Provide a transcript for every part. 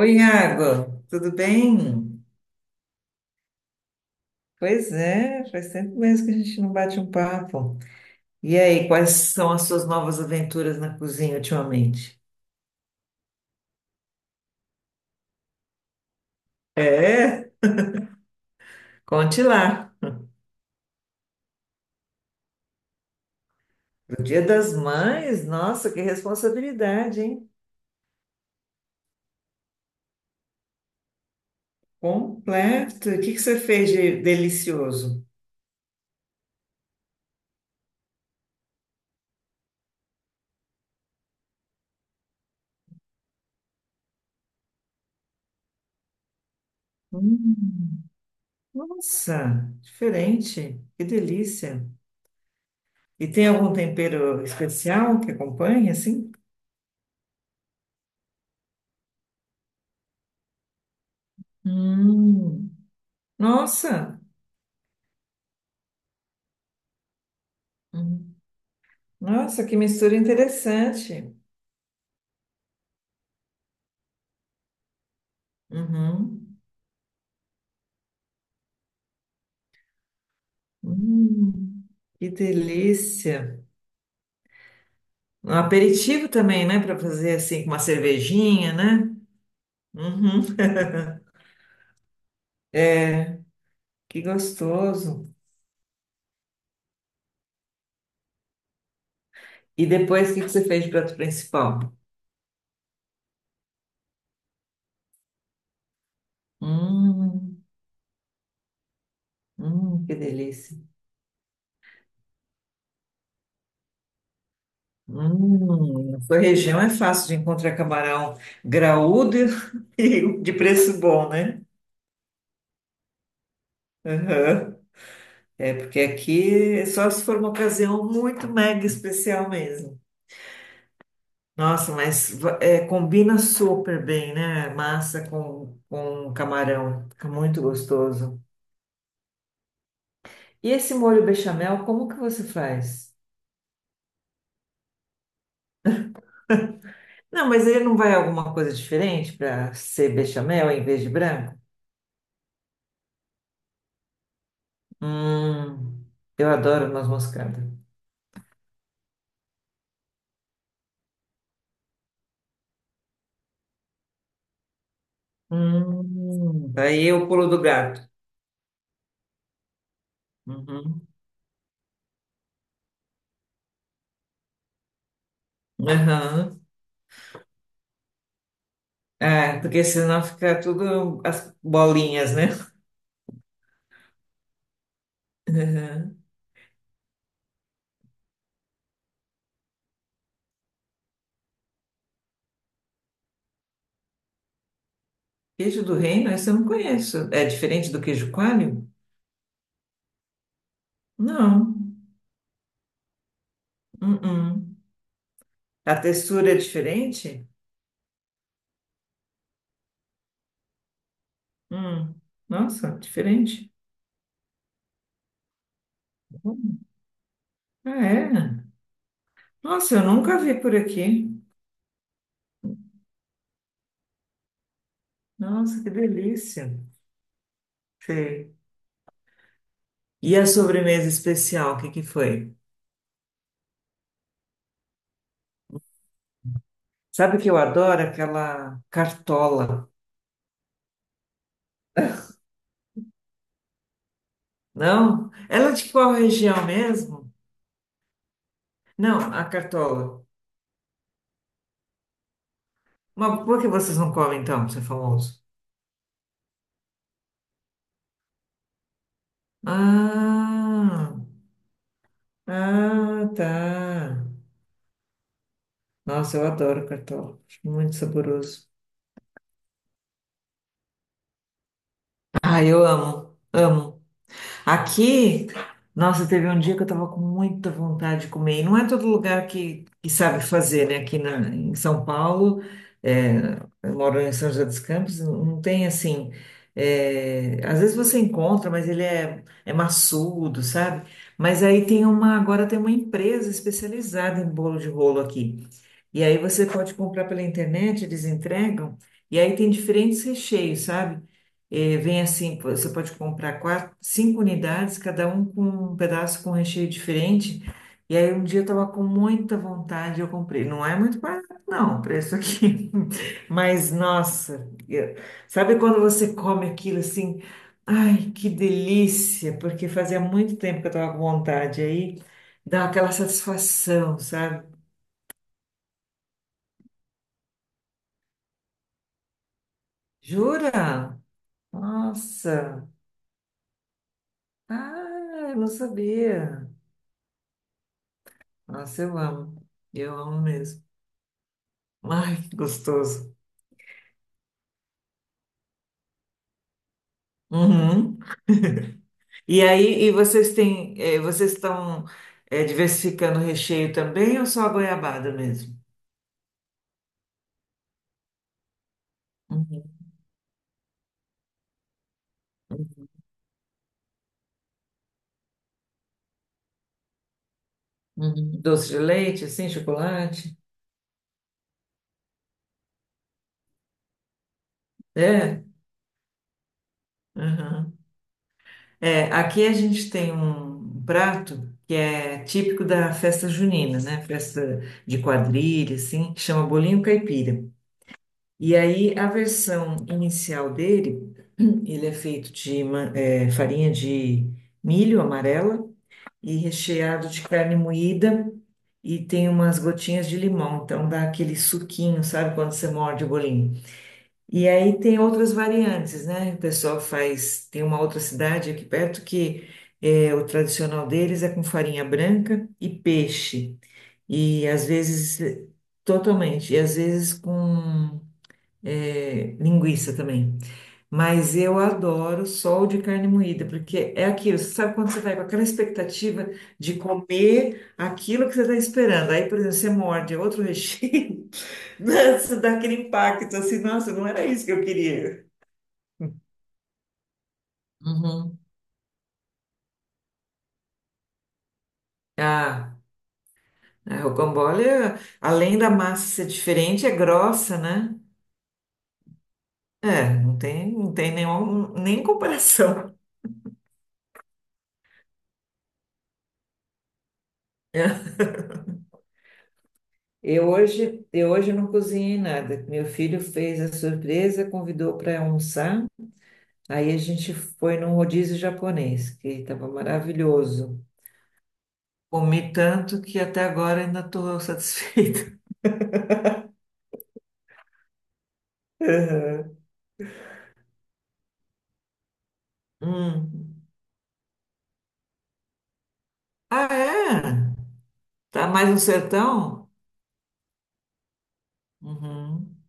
Oi, Iago, tudo bem? Pois é, faz tempo mesmo que a gente não bate um papo. E aí, quais são as suas novas aventuras na cozinha ultimamente? É, conte lá. No Dia das Mães, nossa, que responsabilidade, hein? Completo. E o que que você fez de delicioso? Hum, nossa, diferente. Que delícia. E tem algum tempero especial que acompanhe, assim? Hum, nossa. Nossa, que mistura interessante. Uhum. Hum, que delícia. Um aperitivo também, né? Para fazer assim com uma cervejinha, né? Uhum. Que gostoso. E depois, o que que você fez de prato principal? Hum, que delícia. Na sua região é fácil de encontrar camarão graúdo e de preço bom, né? Uhum. É, porque aqui é só se for uma ocasião muito mega especial mesmo. Nossa, mas é, combina super bem, né? Massa com camarão. Fica muito gostoso. E esse molho bechamel, como que você faz? Não, mas ele não vai alguma coisa diferente para ser bechamel em vez de branco? Hum, eu adoro noz moscada. Aí eu pulo do gato. Uhum. Aham. É, porque senão fica tudo as bolinhas, né? Aham. Queijo do reino, esse eu não conheço. É diferente do queijo coalho? Não. Uh-uh. A textura é diferente? Hum. Nossa, diferente. Ah, é? Nossa, eu nunca vi por aqui. Nossa, que delícia. Sei. E a sobremesa especial, o que que foi? Sabe que eu adoro aquela cartola. Não? Ela é de qual região mesmo? Não, a cartola. Mas por que vocês não comem então, você famoso? Ah, ah, tá. Nossa, eu adoro cartola. Acho muito saboroso. Ah, eu amo, amo. Aqui, nossa, teve um dia que eu tava com muita vontade de comer. E não é todo lugar que sabe fazer, né? Aqui em São Paulo, é, eu moro em São José dos Campos, não tem assim. É, às vezes você encontra, mas ele é maçudo, sabe? Mas aí agora tem uma empresa especializada em bolo de rolo aqui. E aí você pode comprar pela internet, eles entregam. E aí tem diferentes recheios, sabe? Vem assim, você pode comprar quatro, cinco unidades, cada um com um pedaço com um recheio diferente. E aí um dia eu estava com muita vontade, eu comprei. Não é muito barato, não, o preço aqui. Mas, nossa, sabe quando você come aquilo assim? Ai, que delícia! Porque fazia muito tempo que eu estava com vontade. Aí dá aquela satisfação, sabe? Jura? Nossa! Ah, eu não sabia. Nossa, eu amo. Eu amo mesmo. Ai, que gostoso. Uhum. E aí, e vocês têm, vocês estão diversificando o recheio também ou só a goiabada mesmo? Uhum. Uhum. Doce de leite, assim, chocolate? É? Uhum. É, aqui a gente tem um prato que é típico da festa junina, né? Festa de quadrilha, assim, que chama bolinho caipira. E aí, a versão inicial dele, ele é feito de farinha de milho amarela e recheado de carne moída e tem umas gotinhas de limão, então dá aquele suquinho, sabe, quando você morde o bolinho. E aí tem outras variantes, né? O pessoal faz, tem uma outra cidade aqui perto que o tradicional deles é com farinha branca e peixe. E às vezes, totalmente, e às vezes com linguiça também. Mas eu adoro sol de carne moída, porque é aquilo, você sabe quando você vai com aquela expectativa de comer aquilo que você está esperando. Aí, por exemplo, você morde outro recheio, nossa, dá aquele impacto assim, nossa, não era isso que eu queria. Uhum. Ah, a rocambole, além da massa ser diferente, é grossa, né? É, não tem nenhum, nem comparação. Eu hoje não cozinhei nada. Meu filho fez a surpresa, convidou para almoçar. Aí a gente foi num rodízio japonês, que estava maravilhoso. Comi tanto que até agora ainda estou satisfeita. Aham. Hum. Ah, é? Tá mais no sertão? Uhum.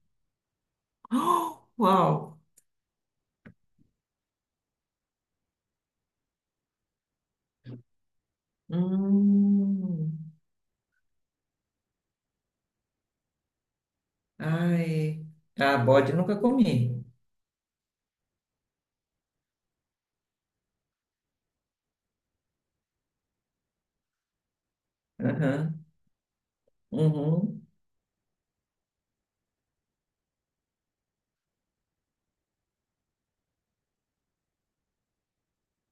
Oh, uau! Hum. Ai. Ah, bode nunca comi. Aham. Uhum.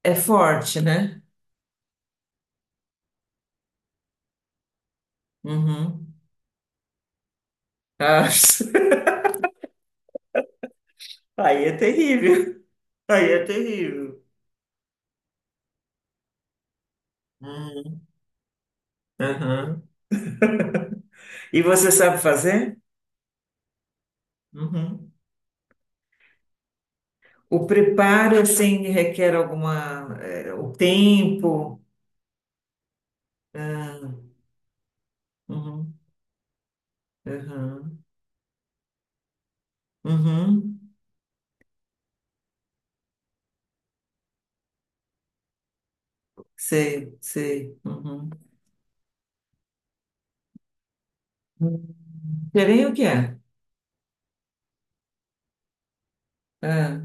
É forte, né? Uhum. Ah. Aí é terrível. Aí é terrível. Hum, Aham. E você sabe fazer? Uhum. O preparo, assim, requer alguma, o tempo. Ah, uhum. Uhum, uhum, sei, sei, uhum. Hum, farinha o que é? Ah,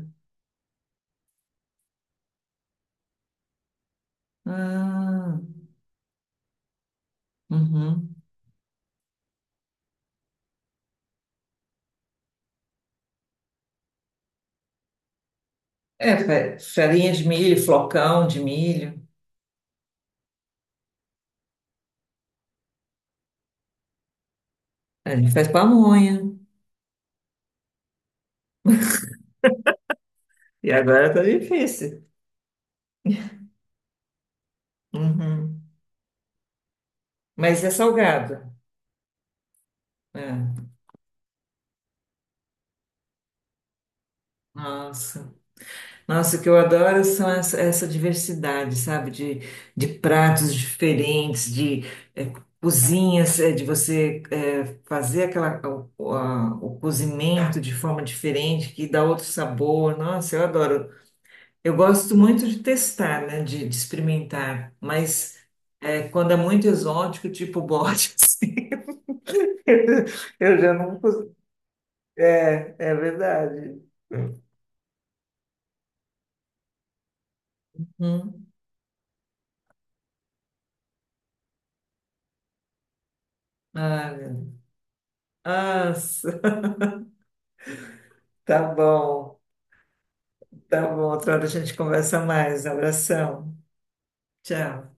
ah, uhum. É, farinha de milho, flocão de milho. A gente faz pamonha. E agora tá difícil. Uhum. Mas é salgado. Ah. Nossa, nossa, o que eu adoro são essa diversidade, sabe? De pratos diferentes, de eh, cozinhas, de você fazer aquela, o cozimento de forma diferente, que dá outro sabor. Nossa, eu adoro. Eu gosto muito de testar, né? De experimentar, mas quando é muito exótico, tipo bote, assim, eu já não. É verdade. Hum. Ah, meu Deus. Nossa. Tá bom, tá bom. Outra hora a gente conversa mais. Abração. Tchau.